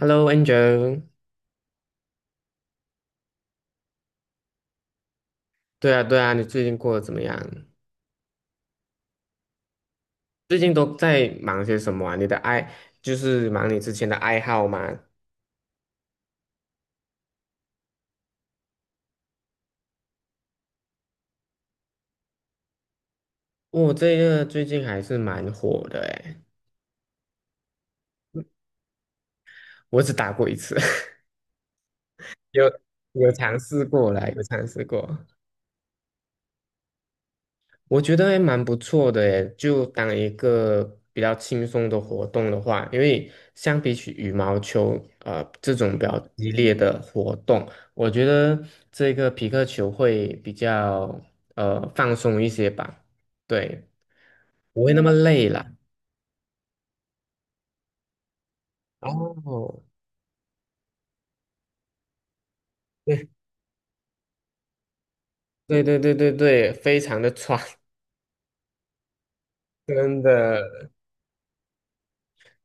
Hello，Angel。对啊，对啊，你最近过得怎么样？最近都在忙些什么啊？你的爱就是忙你之前的爱好吗？这个最近还是蛮火的诶。我只打过一次。有有尝试过啦，有尝试过。我觉得还蛮不错的诶，就当一个比较轻松的活动的话，因为相比起羽毛球，这种比较激烈的活动，我觉得这个皮克球会比较放松一些吧。对，不会那么累啦。哦，对对对对对对，非常的喘。真的。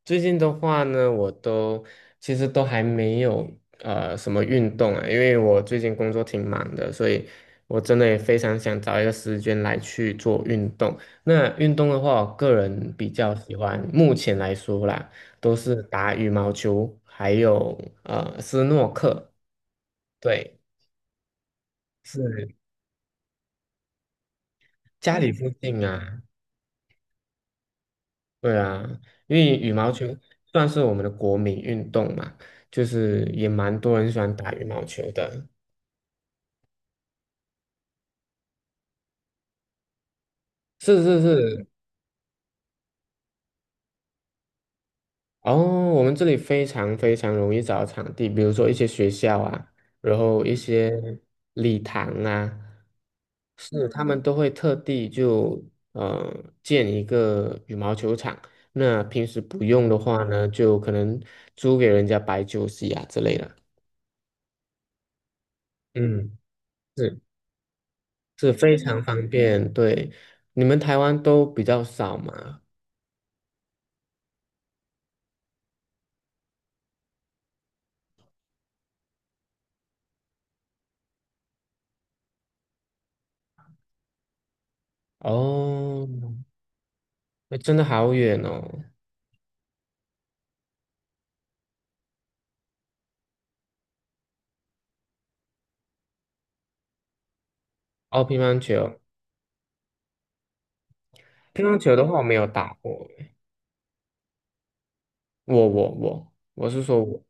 最近的话呢，其实还没有什么运动啊，因为我最近工作挺忙的，所以我真的也非常想找一个时间来去做运动。那运动的话，我个人比较喜欢，目前来说啦，都是打羽毛球，还有斯诺克。对，是家里附近啊。对啊，因为羽毛球算是我们的国民运动嘛，就是也蛮多人喜欢打羽毛球的。是是是。哦，我们这里非常非常容易找到场地，比如说一些学校啊，然后一些礼堂啊，是他们都会特地就呃建一个羽毛球场。那平时不用的话呢，就可能租给人家摆酒席啊之类的。嗯，是，是非常方便。对，你们台湾都比较少嘛？哦，那真的好远哦。哦，乒乓球。乒乓球的话，我没有打过。我是说我。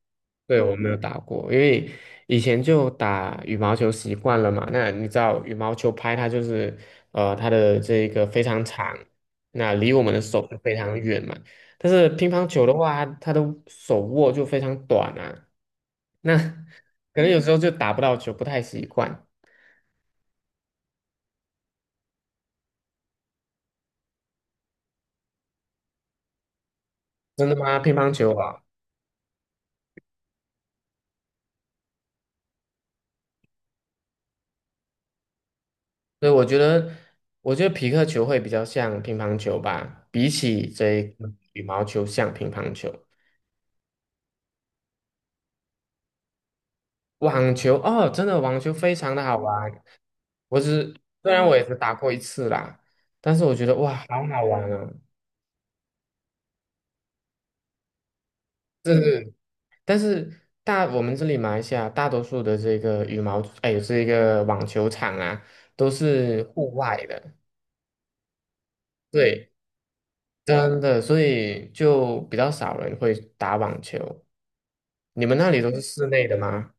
对，我没有打过，因为以前就打羽毛球习惯了嘛。那你知道羽毛球拍它就是它的这个非常长，那离我们的手就非常远嘛。但是乒乓球的话，它的手握就非常短啊，那 可能有时候就打不到球，不太习惯。真的吗？乒乓球啊？所以我觉得，我觉得皮克球会比较像乒乓球吧，比起这个羽毛球像乒乓球。网球哦，真的网球非常的好玩。我只虽然我也只打过一次啦，但是我觉得哇，好好玩哦。这是，但是我们这里马来西亚大多数的这个羽毛，哎，这个网球场啊，都是户外的。对，真的，所以就比较少人会打网球。你们那里都是室内的吗？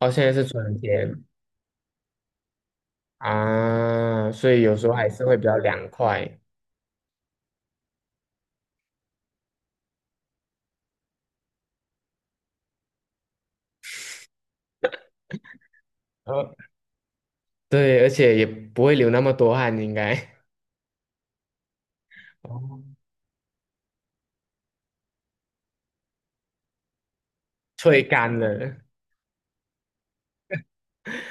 哦，现在是春天啊，所以有时候还是会比较凉快。呃，对，而且也不会流那么多汗，应该。 哦，吹干了。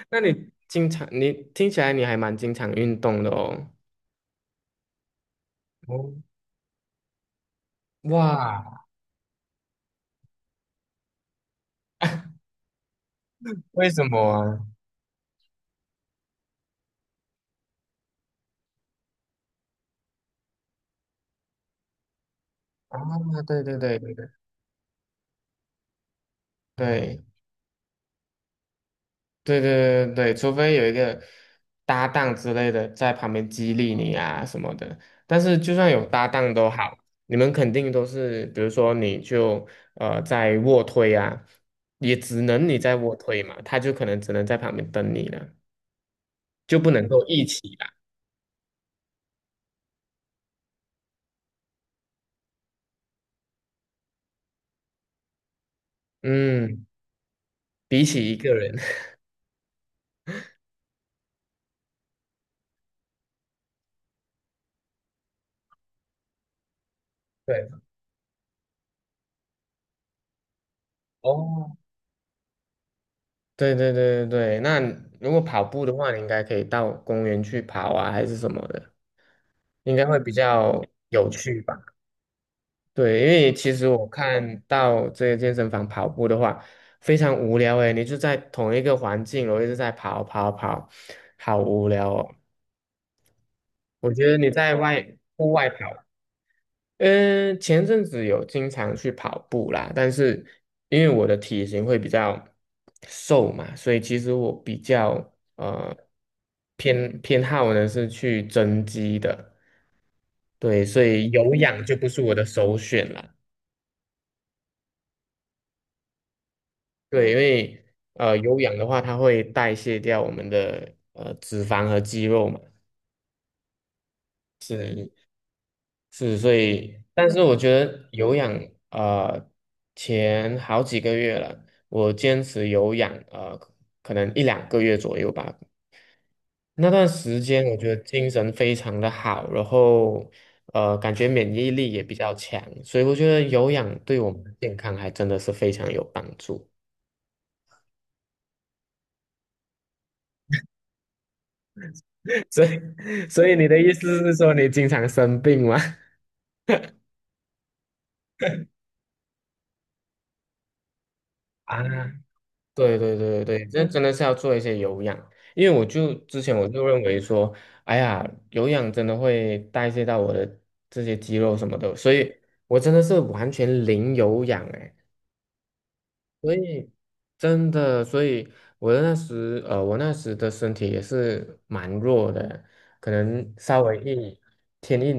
那你经常，你听起来你还蛮经常运动的哦。哦，哇，为什么啊？啊，对对对对对对，对对对对，除非有一个搭档之类的在旁边激励你啊什么的，但是就算有搭档都好，你们肯定都是，比如说你就在卧推啊，也只能你在卧推嘛，他就可能只能在旁边等你了，就不能够一起啦。嗯，比起一个人。对。哦，对对对对对，那如果跑步的话，你应该可以到公园去跑啊，还是什么的，应该会比较有趣吧。对，因为其实我看到这个健身房跑步的话，非常无聊诶，你就在同一个环境哦，我一直在跑跑跑，好无聊哦。我觉得你在户外跑，前阵子有经常去跑步啦，但是因为我的体型会比较瘦嘛，所以其实我比较偏好呢是去增肌的。对，所以有氧就不是我的首选啦。对，因为有氧的话，它会代谢掉我们的脂肪和肌肉嘛，是，所以，但是我觉得有氧呃前好几个月了，我坚持有氧可能一两个月左右吧，那段时间我觉得精神非常的好，然后感觉免疫力也比较强，所以我觉得有氧对我们的健康还真的是非常有帮。所以，所以你的意思是说你经常生病吗？啊，对对对对，这真的是要做一些有氧，因为之前我就认为说，哎呀，有氧真的会代谢到我的这些肌肉什么的，所以我真的是完全零有氧哎，所以真的，所以我那时的身体也是蛮弱的，可能稍微一天一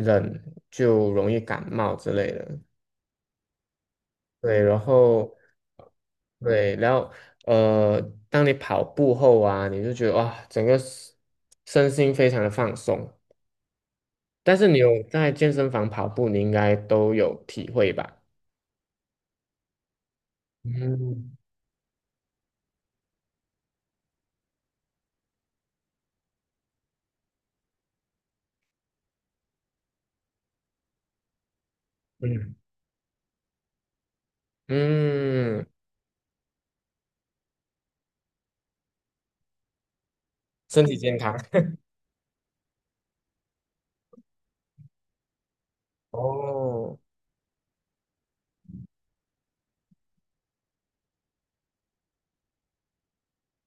冷就容易感冒之类的。对，然后对，然后呃，当你跑步后啊，你就觉得哇，整个身心非常的放松。但是你有在健身房跑步，你应该都有体会吧？嗯嗯嗯，身体健康哦。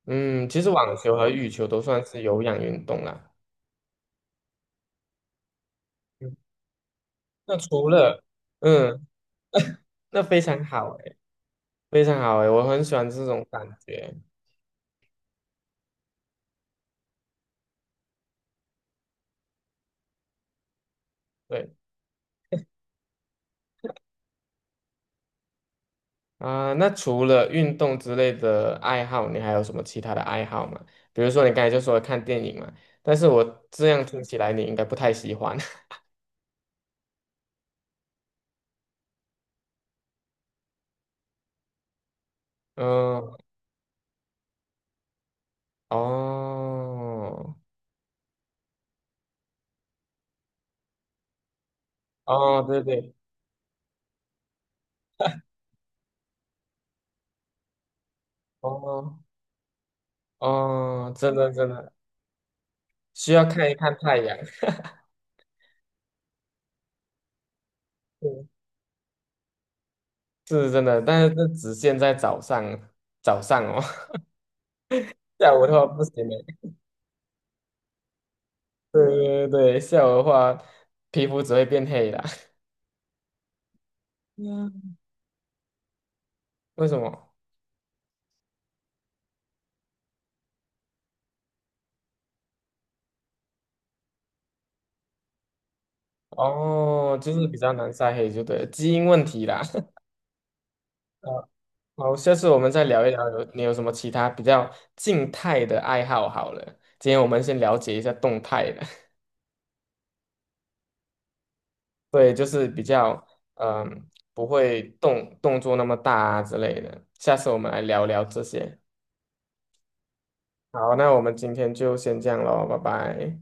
嗯，其实网球和羽球都算是有氧运动啦。嗯，那除了，嗯，那非常好诶，非常好诶，我很喜欢这种感觉。对。啊，那除了运动之类的爱好，你还有什么其他的爱好吗？比如说你刚才就说看电影嘛，但是我这样听起来你应该不太喜欢。嗯，哦，哦，对对，哦，哦，真的真的需要看一看太阳。嗯，是真的，但是这只限在早上，早上哦。下午的话不行的。对对对，下午的话皮肤只会变黑的。嗯，为什么？哦，就是比较难晒黑，就对了，基因问题啦。呃好，下次我们再聊一聊有，你有什么其他比较静态的爱好？好了，今天我们先了解一下动态的。对，就是比较嗯、不会动动作那么大啊之类的。下次我们来聊聊这些。好，那我们今天就先这样喽，拜拜。